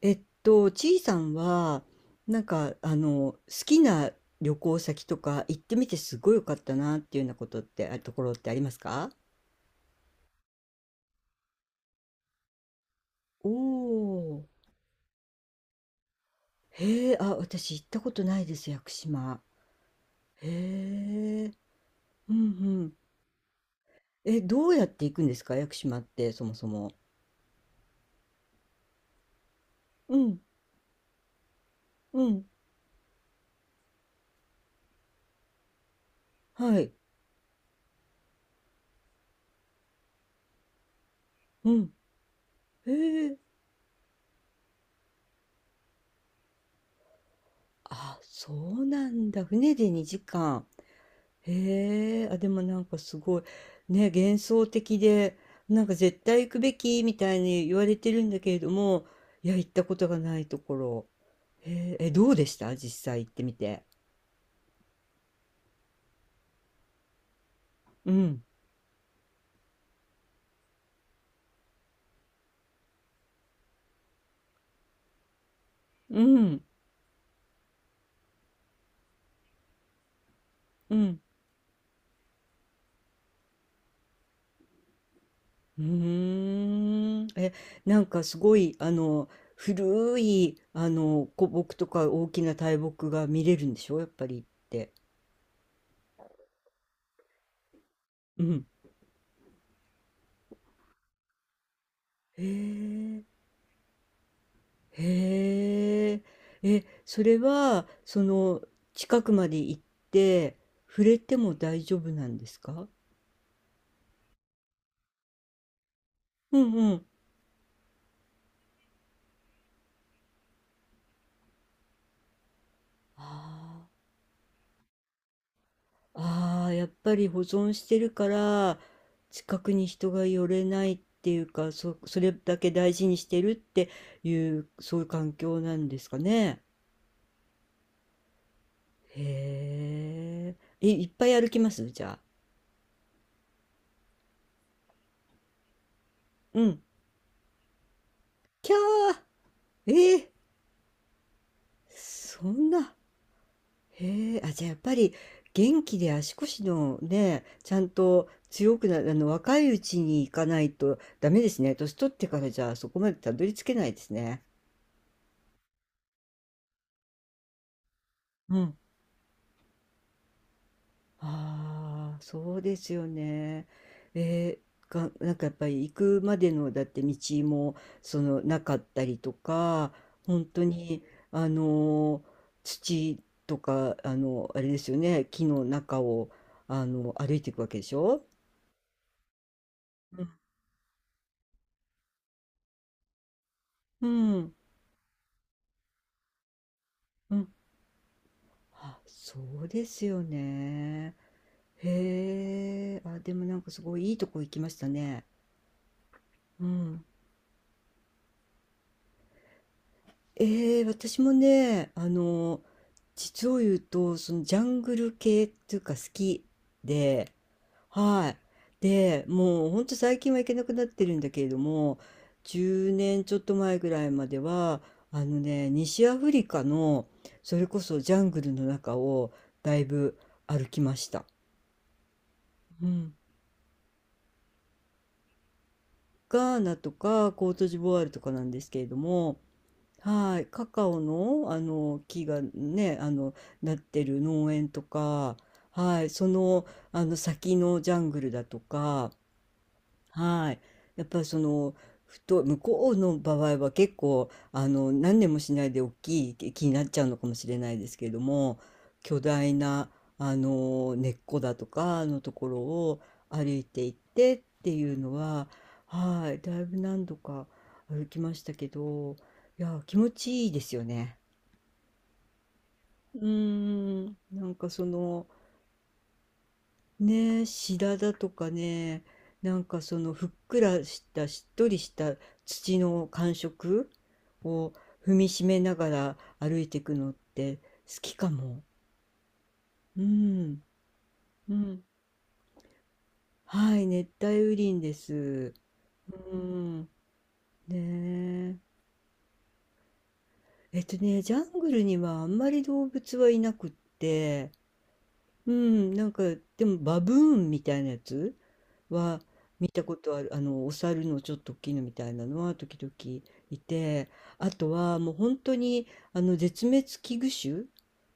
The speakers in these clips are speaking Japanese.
ちいさんは、なんか、好きな旅行先とか行ってみてすごい良かったなっていうようなことって、ところってありますか？おおー。へえ、あ、私行ったことないです、屋久島。へえ、うんうん。え、どうやって行くんですか、屋久島って、そもそも？うん、うん、はい、うん。へえ、あ、そうなんだ。船で2時間。へえ、あ、でもなんかすごい、ね、幻想的で、なんか絶対行くべきみたいに言われてるんだけれども、いや、行ったことがないところ。へえ、え、どうでした実際行ってみて？うん、うん、うん。うーん。え、なんかすごい、古い、古木とか大きな大木が見れるんでしょやっぱり行って。うん。へえ。へえ。え、それは、近くまで行って、触れても大丈夫なんですか？うんうん。あーあー、やっぱり保存してるから、近くに人が寄れないっていうか、それだけ大事にしてるっていう、そういう環境なんですかね。へえ。え、いっぱい歩きますじゃあ？うん。キャー。えー、そんな。へえ、あ、じゃあやっぱり元気で足腰のね、ちゃんと強くな若いうちに行かないとダメですね。年取ってからじゃあそこまでたどり着けないですね。うん。ああ、そうですよね。えが、なんかやっぱり行くまでのだって道もなかったりとか、本当にあのー土とかあれですよね、木の中を歩いていくわけでしょ。うん。うんうん。あ、そうですよね。へえ。あ、でもなんかすごいいいとこ行きましたね。うん。ええ、私もね、実を言うと、ジャングル系っていうか好きで、はい。で、もうほんと最近は行けなくなってるんだけれども、10年ちょっと前ぐらいまでは、あのね、西アフリカの、それこそジャングルの中をだいぶ歩きました。うん。ガーナとかコートジボワールとかなんですけれども、はい、カカオの、あの木がね、なってる農園とか、はい、あの先のジャングルだとか、はい。やっぱりふと、向こうの場合は結構、何年もしないで大きい木になっちゃうのかもしれないですけれども、巨大な、根っこだとかのところを歩いていってっていうのは、はい。だいぶ何度か歩きましたけど、いや、気持ちいいですよね。うーん。なんかねえ、白髪とかね、なんかふっくらしたしっとりした土の感触を踏みしめながら歩いていくのって好きかも。うん、うん。はい、熱帯雨林です。うん、ねえ。ね、ジャングルにはあんまり動物はいなくって、うん、なんかでもバブーンみたいなやつは見たことある、あのお猿のちょっと大きいのみたいなのは時々いて、あとはもう本当に絶滅危惧種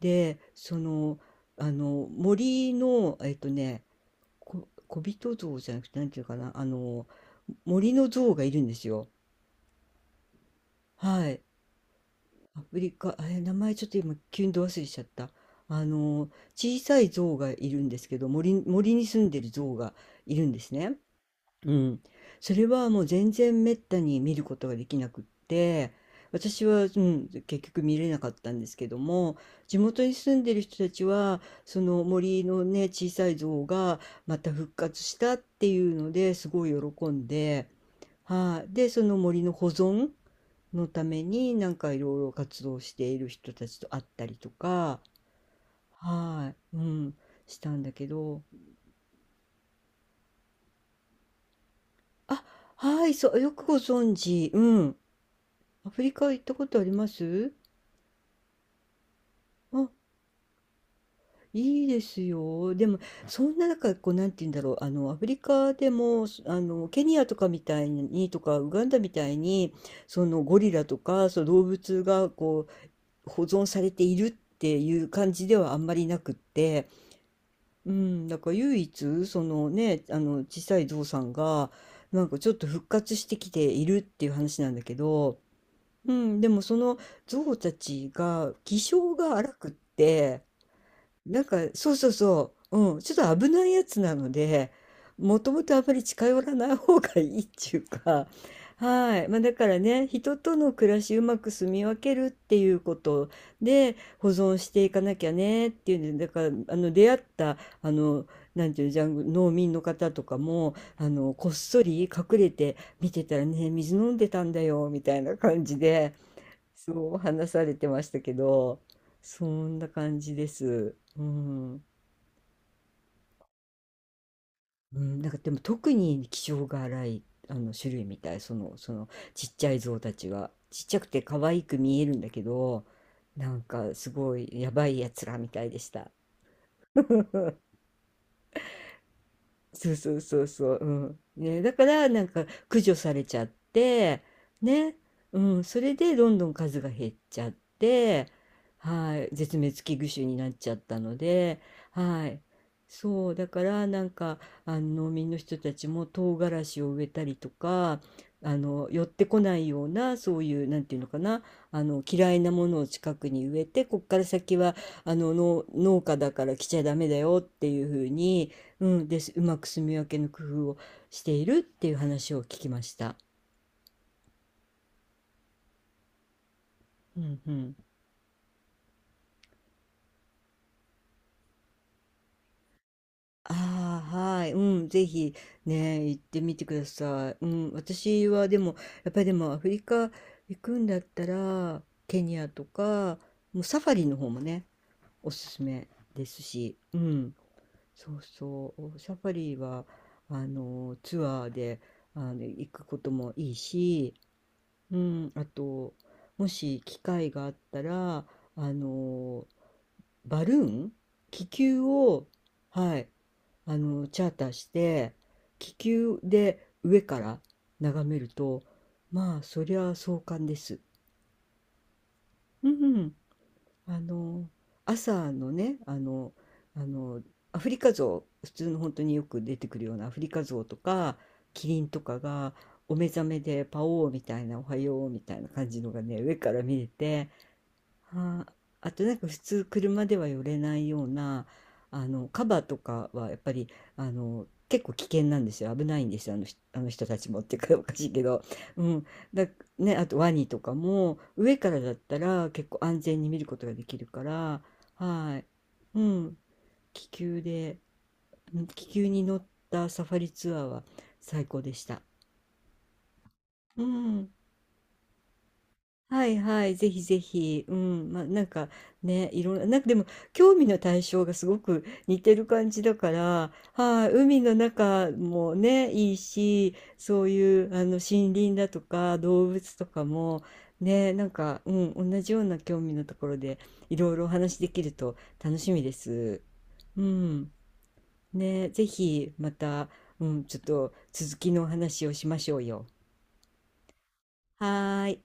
で、あの森の、ね、小人像じゃなくてなんていうかな、あの森の像がいるんですよ。はい。アフリカ、え、名前ちょっと今急にど忘れしちゃった。あの、小さい象がいるんですけど、森に住んでる象がいるんですね。うん。それはもう全然滅多に見ることができなくって、私は、うん、結局見れなかったんですけども、地元に住んでる人たちは、その森のね、小さい像がまた復活したっていうのですごい喜んで、はい、で、その森の保存のためになんかいろいろ活動している人たちと会ったりとか、はい、うん、したんだけど、あ、はい、そう、よくご存知、うん、アフリカ行ったことあります？あ、いいですよ。でも、そんな中、こう、なんて言うんだろう、アフリカでも、そあの、ケニアとかみたいに、とか、ウガンダみたいに、そのゴリラとか、そう、動物が、こう、保存されているっていう感じではあんまりなくって、うん、だから唯一そのね小さいゾウさんがなんかちょっと復活してきているっていう話なんだけど、うん、でもそのゾウたちが気性が荒くってなんか、そうそうそう、うん、ちょっと危ないやつなので、もともとあまり近寄らない方がいいっていうか、はい。まあだからね、人との暮らしうまく住み分けるっていうことで保存していかなきゃねっていうんで、だから、出会った、あの、なんていうの、ジャングル、農民の方とかも、こっそり隠れて見てたらね、水飲んでたんだよ、みたいな感じで、そう話されてましたけど、そんな感じです。うん。うん、なんかでも特に気性が荒いあの種類みたい、そのちっちゃい象たちは。ちっちゃくて可愛く見えるんだけど、なんかすごいやばいやつらみたいでした。そうそうそうそう、うん。ね、だからなんか駆除されちゃって、ね、うん、それでどんどん数が減っちゃって、はい、絶滅危惧種になっちゃったので、はい、そう、だからなんか、農民の人たちも唐辛子を植えたりとか、寄ってこないようなそういうなんていうのかな嫌いなものを近くに植えてこっから先は農家だから来ちゃダメだよっていうふうにうん、です。うまく住み分けの工夫をしているっていう話を聞きました。うんうん。ああ、はい。うん、ぜひね、行ってみてください。うん、私はでも、やっぱりでもアフリカ行くんだったら、ケニアとか、もうサファリの方もね、おすすめですし、うん、そうそう、サファリは、ツアーで、行くこともいいし、うん、あと、もし機会があったら、あの、バルーン、気球を、はい、チャーターして、気球で上から眺めると、まあ、そりゃ壮観です。うんうんあの朝のねあのアフリカゾウ、普通の本当によく出てくるようなアフリカゾウとかキリンとかがお目覚めで「パオー」みたいな「おはよう」みたいな感じのがね上から見れて、はあとなんか普通車では寄れないようなカバーとかはやっぱり結構危険なんですよ、危ないんですよ、あの人たちもっていうか おかしいけど、うん、だね、あとワニとかも上からだったら結構安全に見ることができるから、はい、うん、気球でうん気球に乗ったサファリツアーは最高でした。うん、はいはい、ぜひぜひ、うん、まあ、なんかね、いろんな、なんかでも興味の対象がすごく似てる感じだから、はい、海の中もね、いいし、そういう森林だとか動物とかも、ね、なんか、うん、同じような興味のところでいろいろお話できると楽しみです。うん、ね、ぜひまた、うん、ちょっと続きのお話をしましょうよ。はーい。